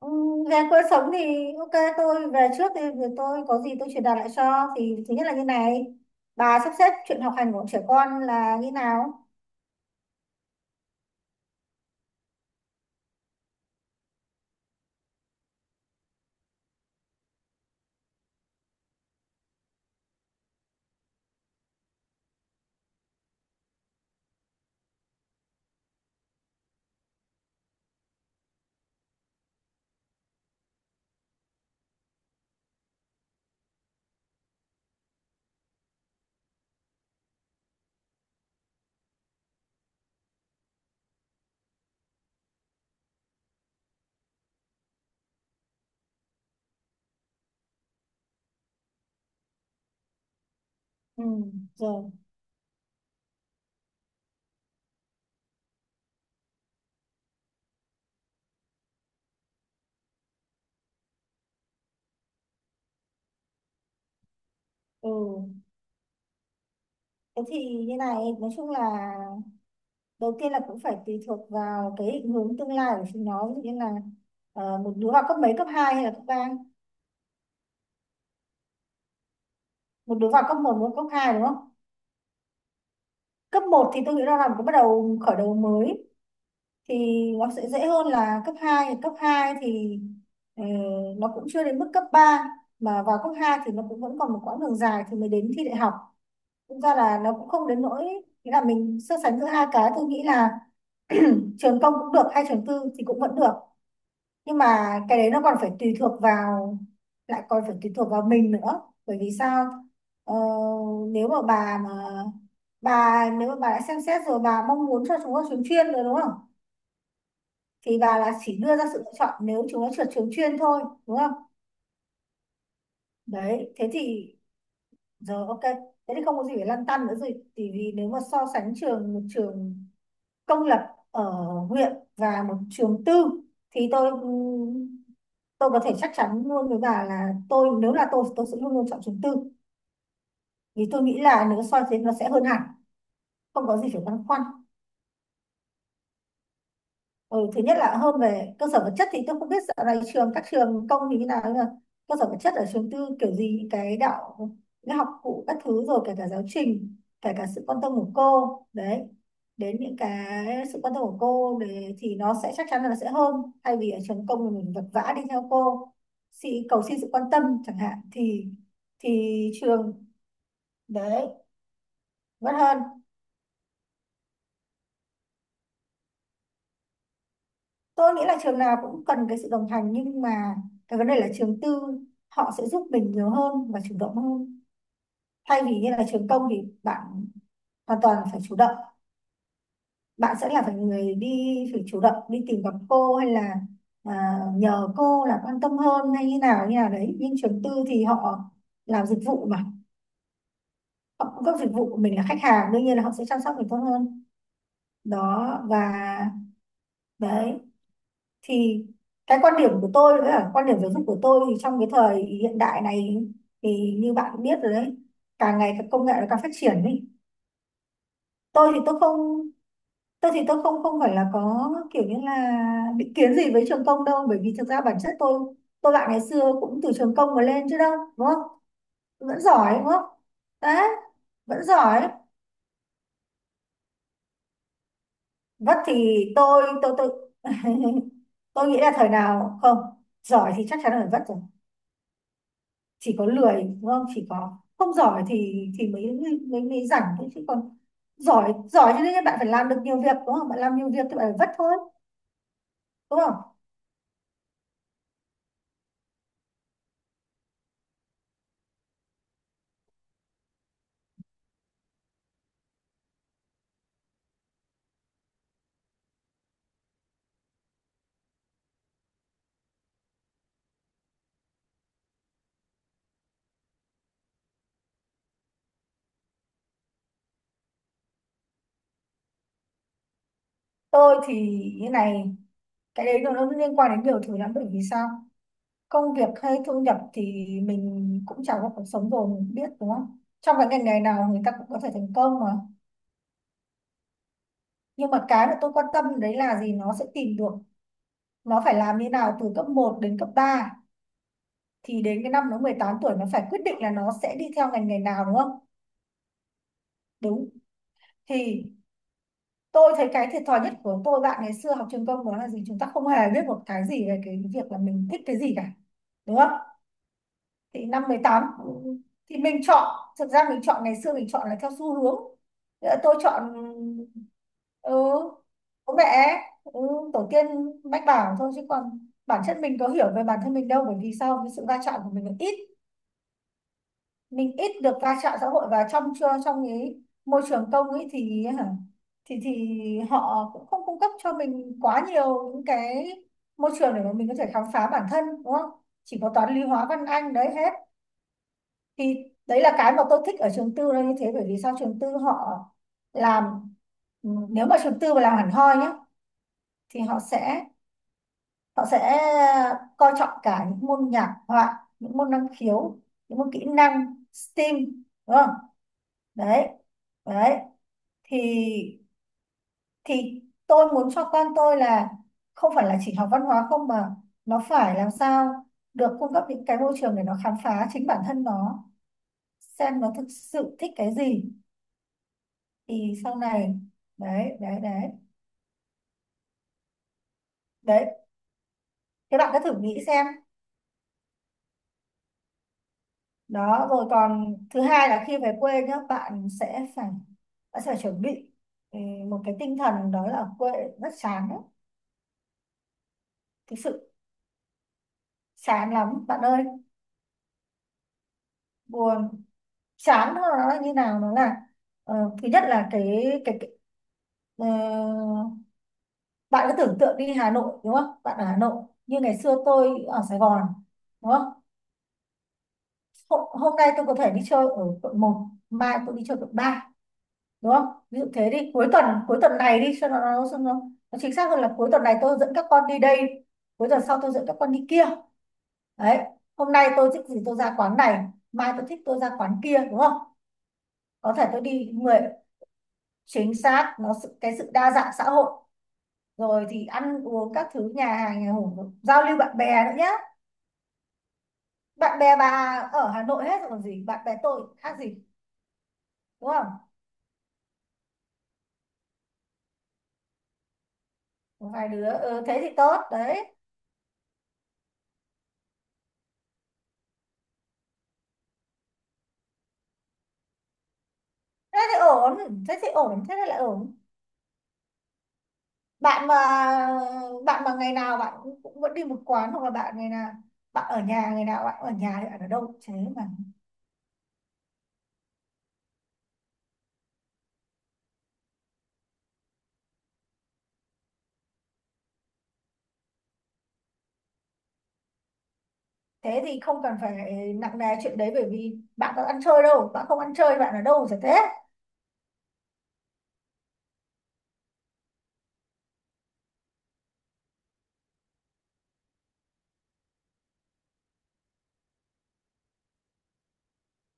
Ừ. Về cuộc sống thì ok, tôi về trước thì tôi có gì tôi truyền đạt lại cho. Thì thứ nhất là như này, bà sắp xếp chuyện học hành của trẻ con là như nào? Ừ, rồi. Ừ, thế thì như này, nói chung là đầu tiên là cũng phải tùy thuộc vào cái định hướng tương lai của chúng nó, ví dụ như là một đứa vào cấp mấy, cấp 2 hay là cấp 3? Một đứa vào cấp 1, một đứa vào cấp hai, đúng không? Cấp một thì tôi nghĩ nó là làm cái bắt đầu, khởi đầu mới thì nó sẽ dễ hơn là cấp hai. Cấp 2 thì ừ, nó cũng chưa đến mức cấp ba, mà vào cấp 2 thì nó cũng vẫn còn một quãng đường dài thì mới đến thi đại học. Thực ra là nó cũng không đến nỗi, nghĩa là mình so sánh giữa hai cái, tôi nghĩ là trường công cũng được hay trường tư thì cũng vẫn được. Nhưng mà cái đấy nó còn phải tùy thuộc vào, lại còn phải tùy thuộc vào mình nữa, bởi vì sao? ờ, Nếu mà bà nếu mà bà đã xem xét rồi, bà mong muốn cho chúng nó trường chuyên rồi đúng không, thì bà là chỉ đưa ra sự lựa chọn nếu chúng nó trượt trường chuyên thôi, đúng không? Đấy, thế thì giờ ok, thế thì không có gì phải lăn tăn nữa rồi. Thì vì nếu mà so sánh trường, một trường công lập ở huyện và một trường tư, thì tôi tôi có thể chắc chắn luôn với bà là tôi, nếu là tôi sẽ luôn luôn chọn trường tư. Vì tôi nghĩ là nếu so sánh nó sẽ hơn hẳn, không có gì phải băn khoăn. Ừ, thứ nhất là hơn về cơ sở vật chất. Thì tôi không biết dạo này trường các trường công thì như nào, nhưng mà cơ sở vật chất ở trường tư kiểu gì cái đạo, cái học cụ các thứ rồi kể cả giáo trình, kể cả sự quan tâm của cô. Đấy, đến những cái sự quan tâm của cô để, thì nó sẽ chắc chắn là nó sẽ hơn. Thay vì ở trường công thì mình vật vã đi theo cô, xin, cầu xin sự quan tâm chẳng hạn, thì trường đấy vẫn hơn. Tôi nghĩ là trường nào cũng cần cái sự đồng hành, nhưng mà cái vấn đề là trường tư họ sẽ giúp mình nhiều hơn và chủ động hơn. Thay vì như là trường công thì bạn hoàn toàn phải chủ động, bạn sẽ là phải người đi, phải chủ động đi tìm gặp cô hay là nhờ cô là quan tâm hơn hay như nào đấy. Nhưng trường tư thì họ làm dịch vụ mà, họ cung cấp dịch vụ, mình là khách hàng, đương nhiên là họ sẽ chăm sóc mình tốt hơn. Đó. Và đấy, thì cái quan điểm của tôi, với cả quan điểm giáo dục của tôi thì trong cái thời hiện đại này, thì như bạn cũng biết rồi đấy, càng ngày các công nghệ nó càng phát triển ấy. tôi thì tôi không tôi thì tôi không, không phải là có kiểu như là định kiến gì với trường công đâu, bởi vì thực ra bản chất tôi bạn ngày xưa cũng từ trường công mà lên chứ đâu, đúng không? Vẫn giỏi đúng không? Đấy, vẫn giỏi. Vất thì tôi tôi nghĩ là thời nào không, giỏi thì chắc chắn là phải vất rồi. Chỉ có lười đúng không, chỉ có không giỏi thì mới mới mới rảnh thôi, chứ còn giỏi giỏi cho nên bạn phải làm được nhiều việc, đúng không? Bạn làm nhiều việc thì bạn phải vất thôi, đúng không? Tôi thì như này, cái đấy nó liên quan đến nhiều thứ lắm. Bởi vì sao? Công việc hay thu nhập thì mình cũng trải qua cuộc sống rồi, mình cũng biết đúng không, trong cái ngành nghề nào người ta cũng có thể thành công mà. Nhưng mà cái mà tôi quan tâm đấy là gì, nó sẽ tìm được, nó phải làm như nào từ cấp một đến cấp ba, thì đến cái năm nó 18 tuổi nó phải quyết định là nó sẽ đi theo ngành nghề nào, đúng không? Đúng. Thì tôi thấy cái thiệt thòi nhất của tôi bạn ngày xưa học trường công đó là gì? Chúng ta không hề biết một cái gì về cái việc là mình thích cái gì cả. Đúng không? Thì năm 18 thì mình chọn, thực ra mình chọn, ngày xưa mình chọn là theo xu hướng. Ờ, tôi chọn ừ, bố mẹ, ừ, tổ tiên mách bảo thôi, chứ còn bản chất mình có hiểu về bản thân mình đâu. Bởi vì sao? Cái sự va chạm của mình là ít, mình ít được va chạm xã hội, và trong chưa trong cái môi trường công ấy thì hả, thì họ cũng không cung cấp cho mình quá nhiều những cái môi trường để mà mình có thể khám phá bản thân, đúng không? Chỉ có toán lý hóa văn anh đấy hết. Thì đấy là cái mà tôi thích ở trường tư là như thế. Bởi vì sao, trường tư họ làm, nếu mà trường tư mà làm hẳn hoi nhá, thì họ sẽ coi trọng cả những môn nhạc họa, những môn năng khiếu, những môn kỹ năng STEAM, đúng không? Đấy, đấy. thì thì tôi muốn cho con tôi là không phải là chỉ học văn hóa không, mà nó phải làm sao được cung cấp những cái môi trường để nó khám phá chính bản thân nó, xem nó thực sự thích cái gì. Thì sau này, đấy đấy đấy. Đấy, thế bạn cứ thử nghĩ xem. Đó rồi còn thứ hai là khi về quê nhá, bạn sẽ phải, bạn sẽ phải chuẩn bị ừ, một cái tinh thần đó là quê rất chán đấy. Thực sự chán lắm bạn ơi, buồn. Chán nó như nào nó là ờ, thứ nhất là cái ờ, bạn cứ tưởng tượng đi, Hà Nội đúng không, bạn ở Hà Nội như ngày xưa tôi ở Sài Gòn, đúng không? Hôm nay tôi có thể đi chơi ở quận một, mai tôi đi chơi quận ba, đúng không? Ví dụ thế đi. Cuối tuần, cuối tuần này đi cho nó chính xác hơn là cuối tuần này tôi dẫn các con đi đây, cuối tuần sau tôi dẫn các con đi kia. Đấy, hôm nay tôi thích gì tôi ra quán này, mai tôi thích tôi ra quán kia, đúng không? Có thể tôi đi người Chính xác nó sự, cái sự đa dạng xã hội. Rồi thì ăn uống các thứ, nhà hàng nhà hổ, giao lưu bạn bè nữa nhá. Bạn bè bà ở Hà Nội hết rồi còn gì, bạn bè tôi khác gì, đúng không? Một vài đứa, ừ, thế thì tốt đấy. Thế thì ổn, thế thì ổn thế thì lại ổn. bạn mà Bạn mà ngày nào bạn cũng, cũng vẫn đi một quán, hoặc là bạn ngày nào, bạn ở nhà ngày nào bạn cũng ở nhà thì bạn ở đâu thế mà. Thế thì không cần phải nặng nề chuyện đấy, bởi vì bạn có ăn chơi đâu, bạn không ăn chơi bạn ở đâu chả thế.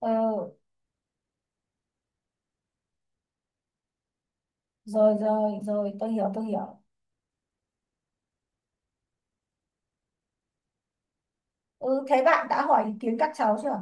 Ừ, rồi rồi rồi, tôi hiểu tôi hiểu. Ừ, thế bạn đã hỏi ý kiến các cháu chưa?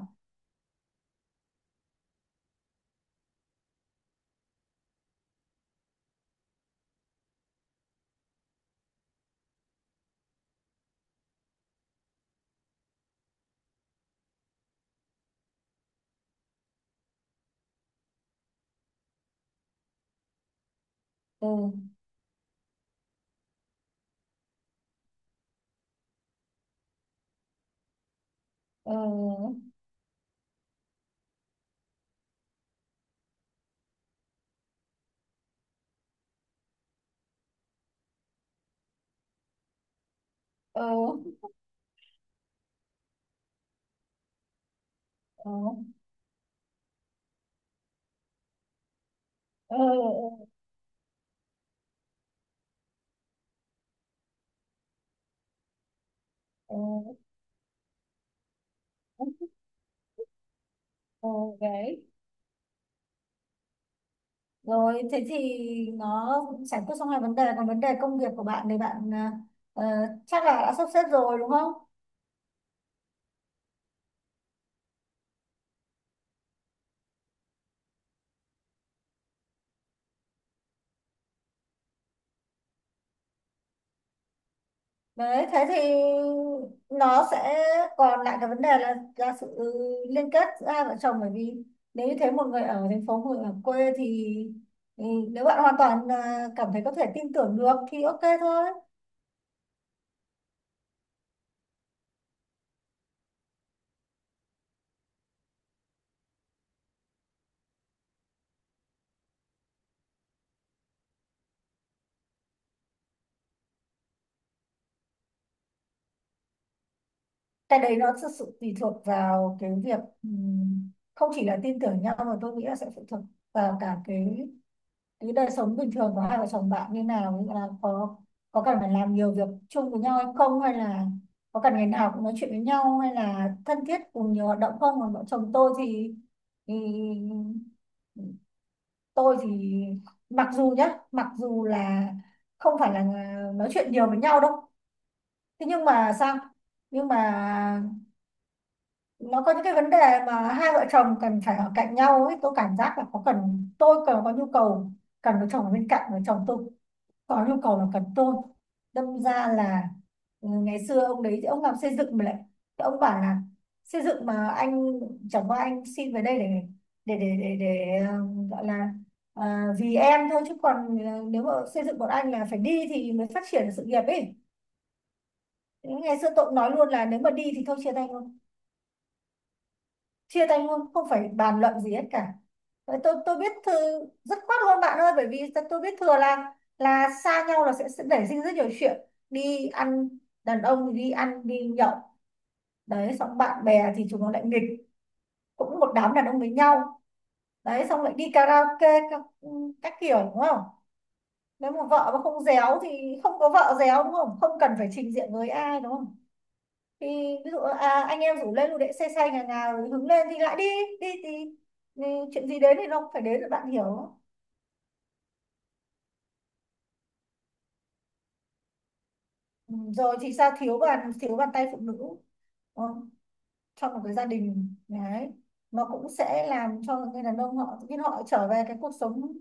Ừ. Ừ. Ừ. Ừ. Ừ. Ừ. Ừ. Ừ, đấy, rồi thế thì nó cũng giải quyết xong hai vấn đề, còn vấn đề công việc của bạn thì bạn ờ, ờ, chắc là đã sắp xếp rồi đúng không. Đấy, thế thì nó sẽ còn lại cái vấn đề là sự liên kết giữa hai vợ chồng. Bởi vì nếu như thế một người ở thành phố, một người ở quê thì ừ, nếu bạn hoàn toàn cảm thấy có thể tin tưởng được thì ok thôi. Cái đấy nó thực sự tùy thuộc vào cái việc không chỉ là tin tưởng nhau, mà tôi nghĩ là sẽ phụ thuộc vào cả cái đời sống bình thường của hai vợ chồng bạn như nào, như là có cần phải làm nhiều việc chung với nhau hay không, hay là có cần ngày nào cũng nói chuyện với nhau, hay là thân thiết cùng nhiều hoạt động không. Còn vợ chồng tôi thì tôi thì mặc dù nhá, mặc dù là không phải là nói chuyện nhiều với nhau đâu, thế nhưng mà sao, nhưng mà nó có những cái vấn đề mà hai vợ chồng cần phải ở cạnh nhau ấy. Tôi cảm giác là có cần, tôi cần có nhu cầu cần có chồng ở bên cạnh, với chồng tôi có nhu cầu là cần tôn, đâm ra là, ừ, ngày xưa ông đấy ông làm xây dựng mà lại. Ông bảo là xây dựng mà anh, chẳng qua anh xin về đây để để gọi là ờ, vì em thôi, chứ còn nếu mà xây dựng bọn anh là phải đi thì mới phát triển được sự nghiệp ấy. Ngày xưa tôi nói luôn là nếu mà đi thì thôi chia tay luôn, chia tay luôn không phải bàn luận gì hết cả. Vậy tôi biết thư, rất khoát luôn bạn ơi, bởi vì tôi biết thừa là xa nhau là sẽ nảy sinh rất nhiều chuyện. Đi ăn, đàn ông thì đi ăn đi nhậu, đấy, xong bạn bè thì chúng nó lại nghịch, cũng một đám đàn ông với nhau. Đấy, xong lại đi karaoke các kiểu đúng không. Nếu mà vợ mà không réo thì không có vợ réo đúng không, không cần phải trình diện với ai đúng không. Thì ví dụ anh em rủ lên dù để xe xe nhà nhà, rồi hứng lên thì lại đi. Đi thì chuyện gì đến thì nó cũng phải đến rồi, bạn hiểu. Ừ, rồi thì sao, thiếu bàn, thiếu bàn tay phụ nữ. Ờ, trong một cái gia đình đấy, nó cũng sẽ làm cho người đàn ông họ tự nhiên họ trở về cái cuộc sống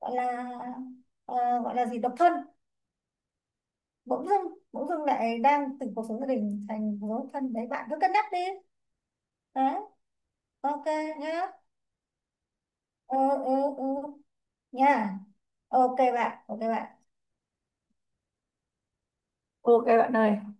gọi là, ờ, gọi là gì, độc thân. Bỗng dưng lại đang từ cuộc sống gia đình thành cuộc sống độc thân. Đấy, bạn cứ cân nhắc đi. Đấy, ok nhá. Ừ. Ừ. Ừ. Nha. Ok bạn, ok bạn. Ok bạn ơi,